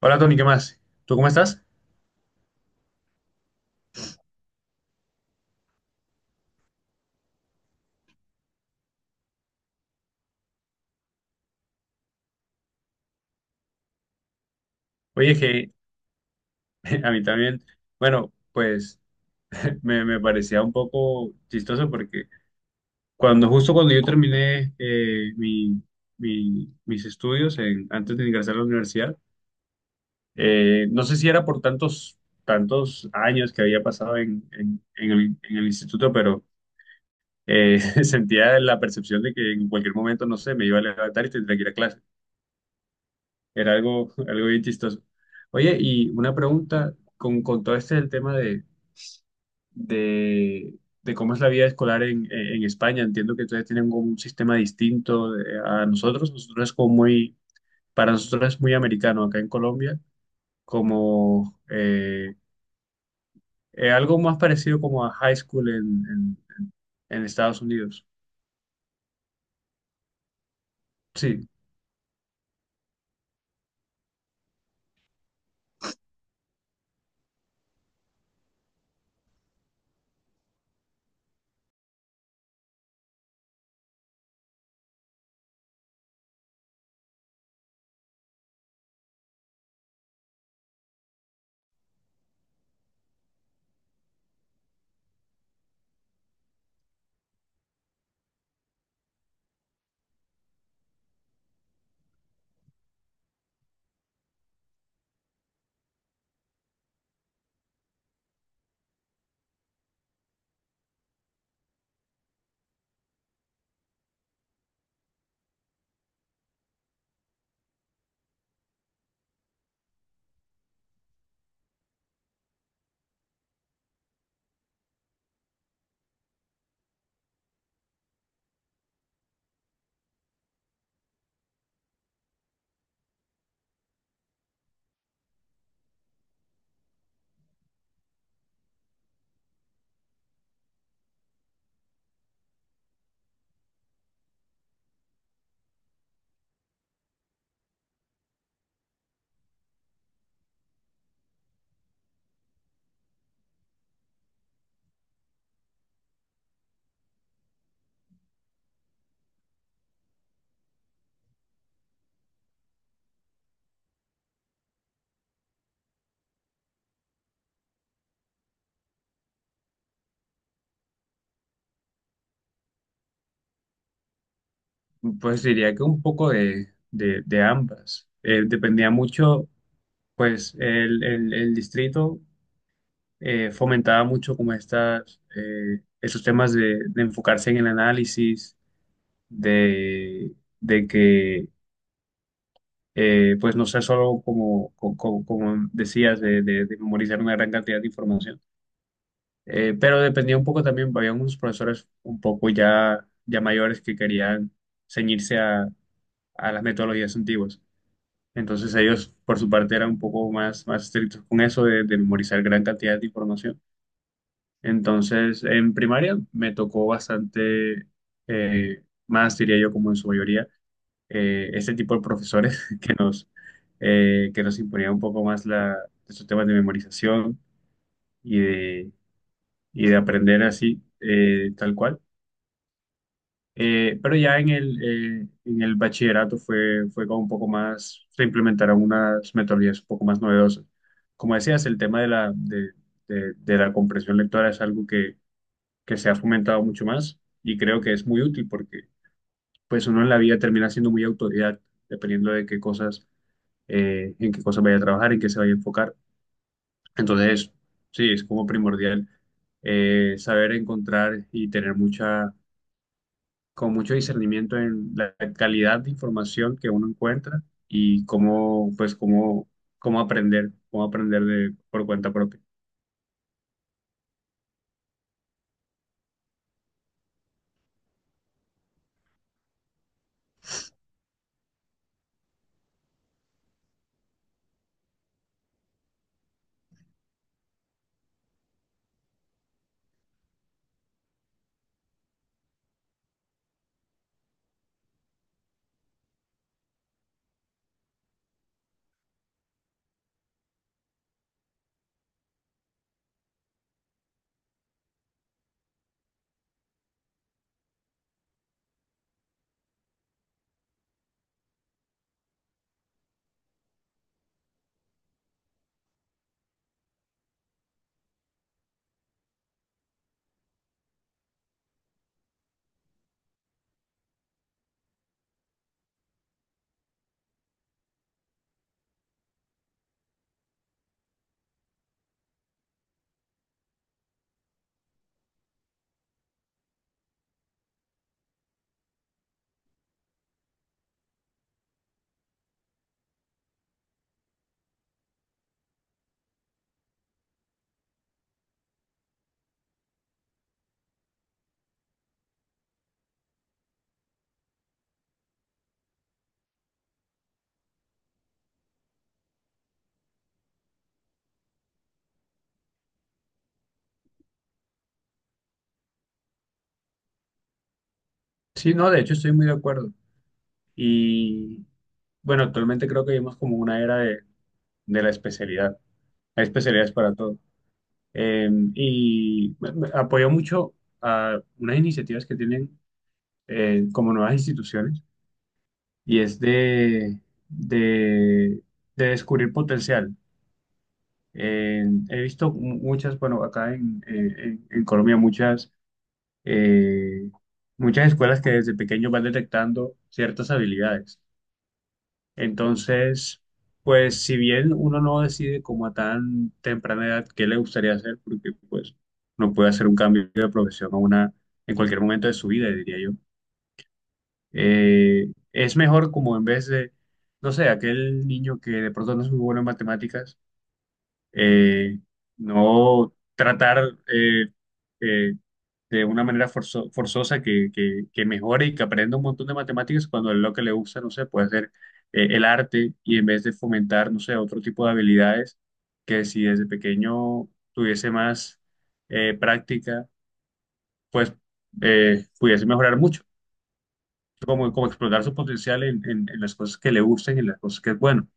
Hola Tony, ¿qué más? ¿Tú cómo estás? Oye, que a mí también, bueno, pues me parecía un poco chistoso porque cuando justo cuando yo terminé mis estudios en- antes de ingresar a la universidad, no sé si era por tantos años que había pasado en- en el instituto, pero eh, sentía la percepción de que en cualquier momento, no sé, me iba a levantar y tendría que ir a clase. Era algo, algo bien chistoso. Oye, y una pregunta con todo este el tema de, de cómo es la vida escolar en España. Entiendo que ustedes tienen como un sistema distinto de- a nosotros. Nosotros es como para nosotros es muy americano acá en Colombia, como algo más parecido como a high school en Estados Unidos. Sí, pues diría que un poco de ambas. Dependía mucho, pues, el distrito. Fomentaba mucho como esos temas de enfocarse en el análisis, de, de que pues no sea solo como, como, decías, de memorizar una gran cantidad de información. Pero dependía un poco también, había unos profesores un poco ya mayores que querían ceñirse a las metodologías antiguas. Entonces ellos, por su parte, eran un poco más estrictos con eso de memorizar gran cantidad de información. Entonces, en primaria me tocó bastante, más diría yo como en su mayoría, este tipo de profesores que que nos imponía un poco más estos temas de memorización y de, y de aprender así, tal cual. Eh, pero ya en el, en el bachillerato fue como un poco más, se implementaron unas metodologías un poco más novedosas. Como decías, el tema de la comprensión lectora es algo que se ha fomentado mucho más y creo que es muy útil porque pues uno en la vida termina siendo muy autodidacta, dependiendo de qué cosas, en qué cosas vaya a trabajar, en qué se vaya a enfocar. Entonces, sí, es como primordial, saber encontrar y tener mucha, con mucho discernimiento en la calidad de información que uno encuentra y cómo, pues, cómo, cómo aprender de, por cuenta propia. Sí, no, de hecho estoy muy de acuerdo. Y bueno, actualmente creo que vivimos como una era de la especialidad. Hay especialidades para todo. Eh, y me apoyo mucho a unas iniciativas que tienen como nuevas instituciones y es de, de descubrir potencial. He visto muchas, bueno, acá en Colombia, eh, muchas escuelas que desde pequeños van detectando ciertas habilidades. Entonces, pues si bien uno no decide como a tan temprana edad qué le gustaría hacer, porque pues no puede hacer un cambio de profesión a una, en cualquier momento de su vida, diría yo, es mejor como en vez de, no sé, aquel niño que de pronto no es muy bueno en matemáticas, eh, no tratar eh, de una manera forzosa que mejore y que aprenda un montón de matemáticas cuando lo que le gusta, no sé, puede ser el arte, y en vez de fomentar, no sé, otro tipo de habilidades que si desde pequeño tuviese más práctica, pues pudiese mejorar mucho. Como, como explotar su potencial en las cosas que le gustan y en las cosas que es bueno.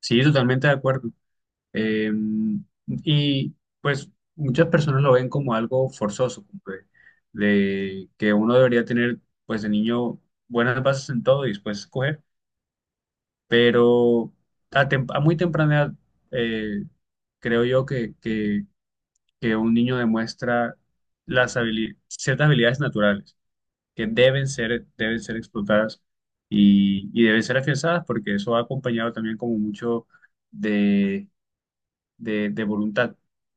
Sí, totalmente de acuerdo. Eh, y pues muchas personas lo ven como algo forzoso, como de que uno debería tener pues de niño buenas bases en todo y después escoger, pero a muy temprana edad, eh, creo yo que un niño demuestra ciertas habilidades naturales que deben deben ser explotadas y deben ser afianzadas porque eso va acompañado también como mucho de voluntad.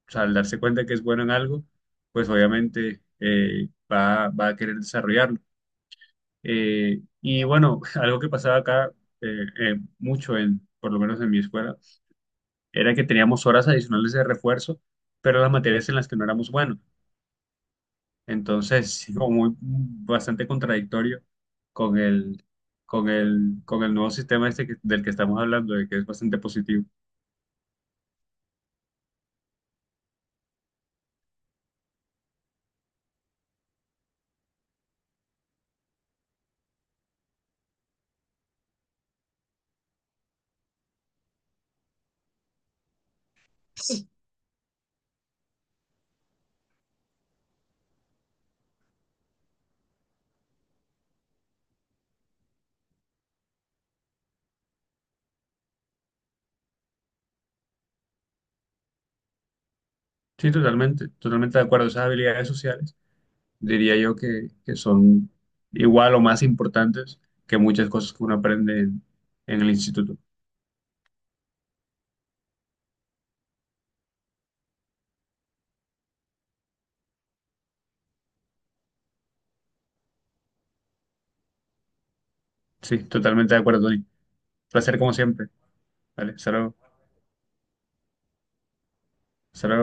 O sea, al darse cuenta que es bueno en algo, pues obviamente va a querer desarrollarlo. Y bueno, algo que pasaba acá mucho, en, por lo menos en mi escuela, era que teníamos horas adicionales de refuerzo, pero las materias en las que no éramos buenos. Entonces, sí, como muy, mm, bastante contradictorio con el, con el, con el nuevo sistema este que- del que estamos hablando, de que es bastante positivo. Sí, totalmente de acuerdo. Esas habilidades sociales diría yo que son igual o más importantes que muchas cosas que uno aprende en el instituto. Sí, totalmente de acuerdo, Tony. Placer como siempre. Vale, hasta luego. Hasta luego.